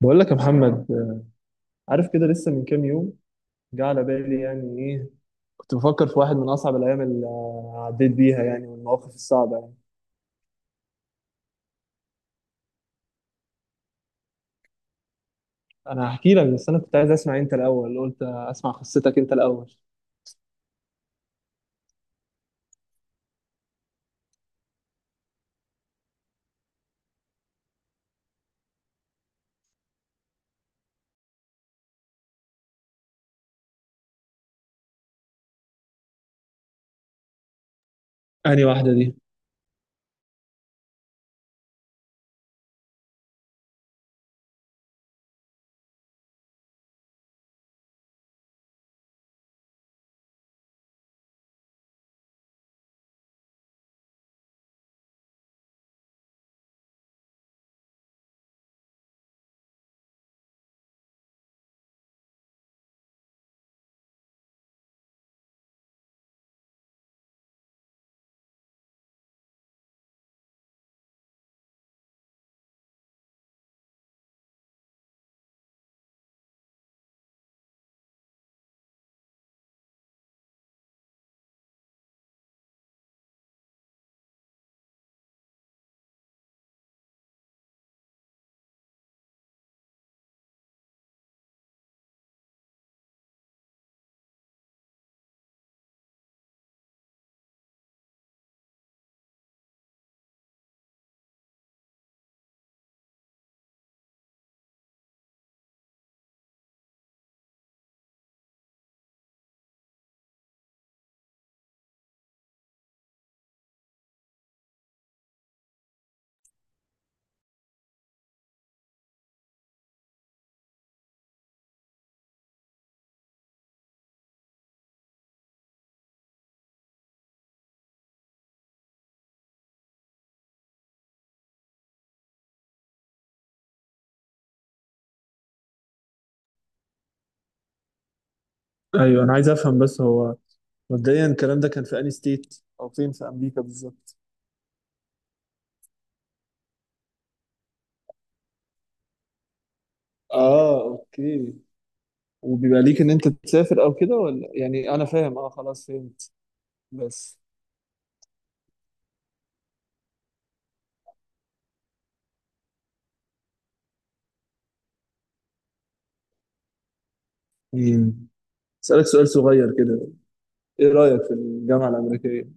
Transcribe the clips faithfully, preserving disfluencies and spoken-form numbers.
بقول لك يا محمد، عارف كده لسه من كام يوم جه على بالي. يعني ايه؟ كنت بفكر في واحد من اصعب الايام اللي عديت بيها، يعني والمواقف الصعبه يعني. انا هحكي لك، بس انا كنت عايز اسمع انت الاول، قلت اسمع قصتك انت الاول. انهي واحده دي؟ ايوه انا عايز افهم، بس هو مبدئيا الكلام ده كان في انهي ستيت او فين في امريكا بالظبط؟ اه، اوكي. وبيبقى ليك ان انت تسافر او كده؟ ولا يعني انا فاهم، اه خلاص فهمت بس. مم. اسالك سؤال صغير كده، ايه رايك في الجامعه الامريكيه؟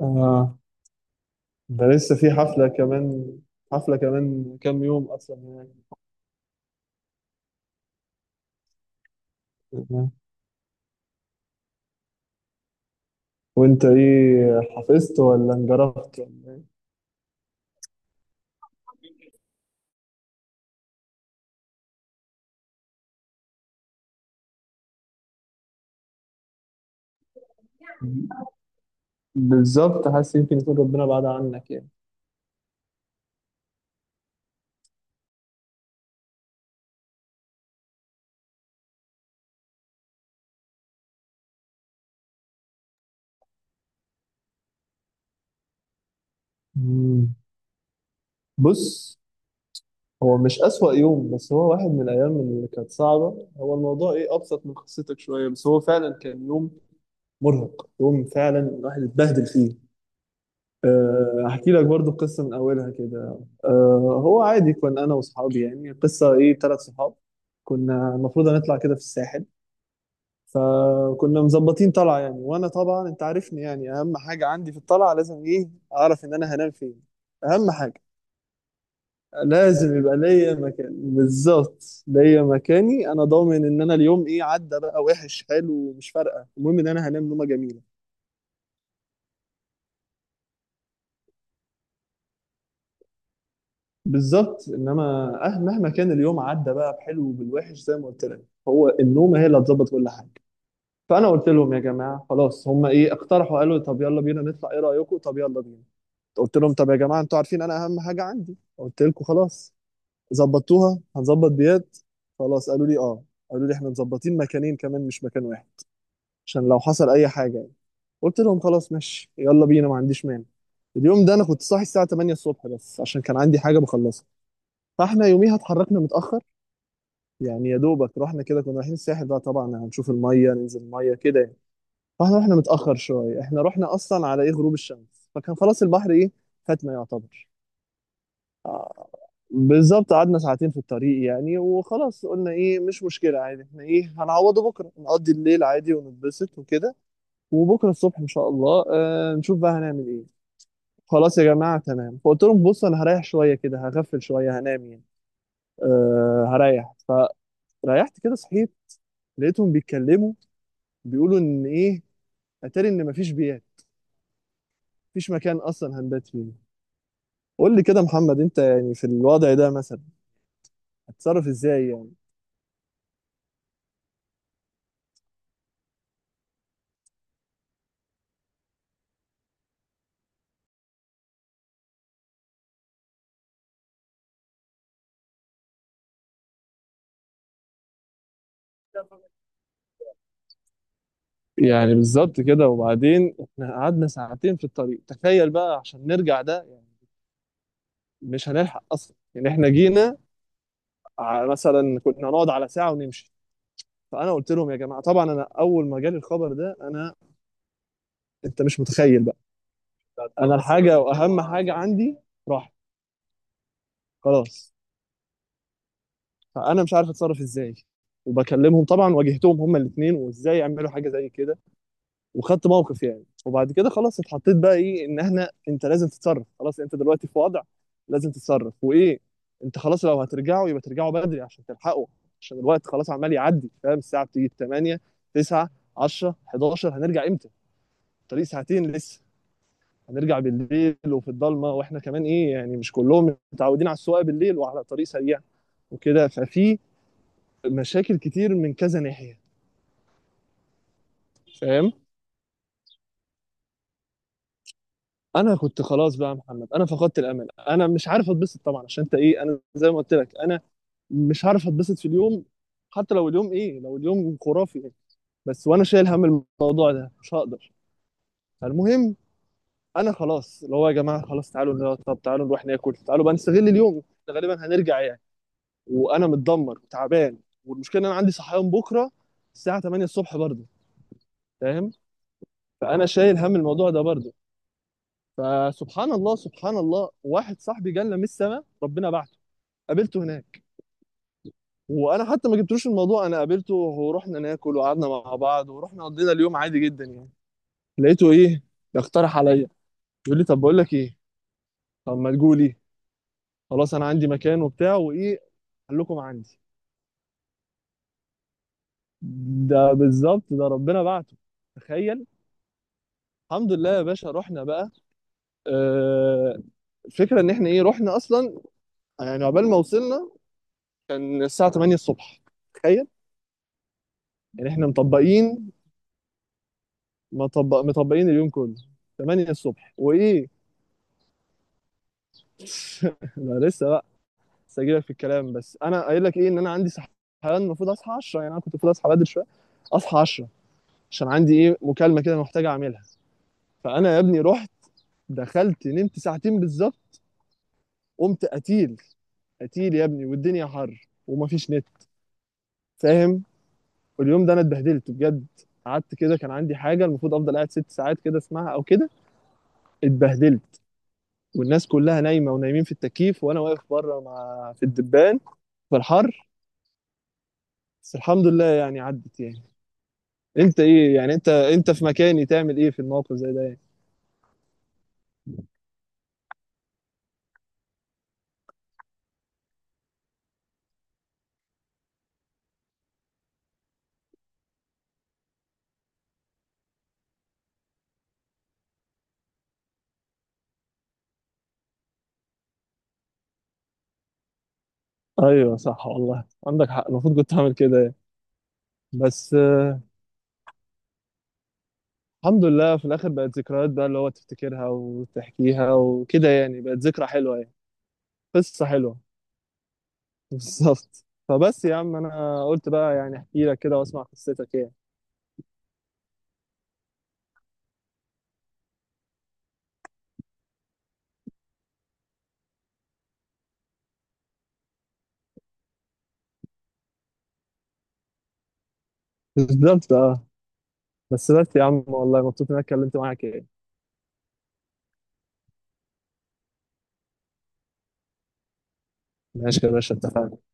آه، ده لسه في حفلة كمان، حفلة كمان كام يوم أصلا. يعني وأنت إيه، حفظت ولا انجرفت ولا إيه؟ بالظبط، حاسس يمكن يكون ربنا بعد عنك يعني. مم. بص، هو مش أسوأ يوم، بس هو واحد من الأيام اللي كانت صعبة. هو الموضوع إيه، أبسط من قصتك شوية، بس هو فعلا كان يوم مرهق، يوم فعلا الواحد اتبهدل فيه. آه، هحكي لك برضو قصة من أولها كده. أه، هو عادي كنا أنا وصحابي، يعني قصة إيه، ثلاث صحاب. كنا المفروض هنطلع كده في الساحل، فكنا مظبطين طلعة يعني. وأنا طبعا أنت عارفني، يعني أهم حاجة عندي في الطلعة لازم إيه، أعرف إن أنا هنام فين. أهم حاجة لازم يبقى ليا مكان، بالظبط ليا مكاني أنا، ضامن إن أنا اليوم إيه، عدى بقى وحش حلو مش فارقة، المهم إن أنا هنام نومة جميلة. بالظبط، انما أه- مهما كان اليوم عدى بقى بحلو وبالوحش زي ما قلت لك، هو النوم هي اللي هتظبط كل حاجه. فانا قلت لهم يا جماعه خلاص، هم ايه اقترحوا، قالوا طب يلا بينا نطلع، ايه رايكم؟ طب يلا بينا. قلت لهم طب يا جماعه انتوا عارفين انا اهم حاجه عندي، قلت لكم خلاص ظبطتوها هنظبط ديات. خلاص، قالوا لي اه، قالوا لي احنا مظبطين مكانين كمان مش مكان واحد عشان لو حصل اي حاجه يعني. قلت لهم خلاص ماشي يلا بينا، ما عنديش مانع. اليوم ده انا كنت صاحي الساعه تمانية الصبح بس عشان كان عندي حاجه بخلصها، فاحنا يوميها اتحركنا متاخر. يعني يا دوبك رحنا كده، كنا رايحين الساحل بقى طبعا هنشوف الميه ننزل الميه كده يعني. فاحنا رحنا متاخر شويه، احنا رحنا اصلا على ايه، غروب الشمس، فكان خلاص البحر ايه، فاتنا يعتبر. آه، بالظبط، قعدنا ساعتين في الطريق يعني. وخلاص قلنا ايه، مش مشكله عادي، احنا ايه هنعوضه بكره، نقضي الليل عادي ونتبسط وكده، وبكره الصبح ان شاء الله آه نشوف بقى هنعمل ايه. خلاص يا جماعه تمام. فقلت لهم بص انا هريح شويه كده، هغفل شويه هنام يعني، آه هريح. فريحت كده صحيت، لقيتهم بيتكلموا، بيقولوا ان ايه، اتاري ان مفيش بيات، مفيش مكان اصلا هنبات فيه. قول لي كده يا محمد انت يعني في الوضع ده مثلا هتتصرف ازاي يعني؟ يعني بالظبط كده. وبعدين احنا قعدنا ساعتين في الطريق تخيل بقى عشان نرجع ده يعني. مش هنلحق اصلا، يعني احنا جينا ع- مثلا كنا هنقعد على ساعة ونمشي. فانا قلت لهم يا جماعة، طبعا انا اول ما جالي الخبر ده انا، انت مش متخيل بقى، انا الحاجة واهم حاجة عندي راحت خلاص، فانا مش عارف اتصرف ازاي. وبكلمهم طبعا، واجهتهم هما الاثنين، وازاي يعملوا حاجه زي كده، وخدت موقف يعني. وبعد كده خلاص اتحطيت بقى ايه، ان احنا انت لازم تتصرف، خلاص انت دلوقتي في وضع لازم تتصرف وايه. انت خلاص لو هترجعوا يبقى ترجعوا بدري عشان تلحقوا، عشان الوقت خلاص عمال يعدي فاهم، الساعه بتيجي تمانية، تسعة، عشرة، حداشر، هنرجع امتى؟ الطريق ساعتين لسه. هنرجع بالليل وفي الضلمه، واحنا كمان ايه يعني مش كلهم متعودين على السواقه بالليل وعلى طريق سريع وكده. ففي مشاكل كتير من كذا ناحيه، فاهم؟ انا كنت خلاص بقى يا محمد، انا فقدت الامل، انا مش عارف اتبسط طبعا، عشان انت ايه، انا زي ما قلت لك، انا مش عارف اتبسط في اليوم حتى لو اليوم ايه، لو اليوم خرافي يعني. بس وانا شايل هم الموضوع ده مش هقدر. فالمهم انا خلاص اللي هو يا جماعه خلاص تعالوا نقعد، طب تعالوا نروح ناكل، تعالوا بقى نستغل اليوم، غالبا هنرجع يعني. وانا متدمر وتعبان، والمشكله ان انا عندي صحيان بكره الساعه تمانية الصبح برضه، فاهم؟ فانا شايل هم الموضوع ده برضه. فسبحان الله، سبحان الله، واحد صاحبي جالنا من السماء، ربنا بعته. قابلته هناك وانا حتى ما جبتلوش الموضوع، انا قابلته ورحنا ناكل وقعدنا مع بعض ورحنا قضينا اليوم عادي جدا يعني. لقيته ايه، يقترح عليا، يقول لي طب بقول لك ايه، طب ما تجولي، خلاص انا عندي مكان وبتاع وايه، خليكم عندي. ده بالظبط، ده ربنا بعته، تخيل. الحمد لله يا باشا، رحنا بقى. آه، الفكره ان احنا ايه، رحنا اصلا، يعني عقبال ما وصلنا كان الساعه تمانية الصبح، تخيل. يعني احنا مطبقين، مطبق مطبقين اليوم كله، تمانية الصبح وايه. لا لسه بقى، لسه هجيلك في الكلام. بس انا قايل لك ايه، ان انا عندي صحيان، المفروض اصحى عشرة يعني، انا كنت المفروض اصحى بدري شويه، اصحى عشرة عشان عندي ايه مكالمه كده محتاج اعملها. فانا يا ابني رحت دخلت نمت ساعتين بالظبط، قمت قتيل، قتيل يا ابني، والدنيا حر ومفيش نت، فاهم؟ واليوم ده انا اتبهدلت بجد، قعدت كده كان عندي حاجه المفروض افضل قاعد ست ساعات كده اسمعها او كده، اتبهدلت. والناس كلها نايمه ونايمين في التكييف، وانا واقف بره مع في الدبان في الحر. بس الحمد لله يعني عدت يعني. انت ايه يعني، انت انت في مكاني تعمل ايه في الموقف زي ده يعني؟ ايوه صح، والله عندك حق، المفروض كنت اعمل كده يعني. بس آه، الحمد لله في الاخر بقت ذكريات بقى، اللي هو تفتكرها وتحكيها وكده يعني، بقت ذكرى حلوه يعني. قصه حلوه. بالظبط. فبس يا عم انا قلت بقى يعني احكي لك كده واسمع قصتك يعني. بالظبط، اه. بس بس يا عم، والله مبسوط اني اتكلمت معاك يعني. ماشي يا باشا، اتفقنا.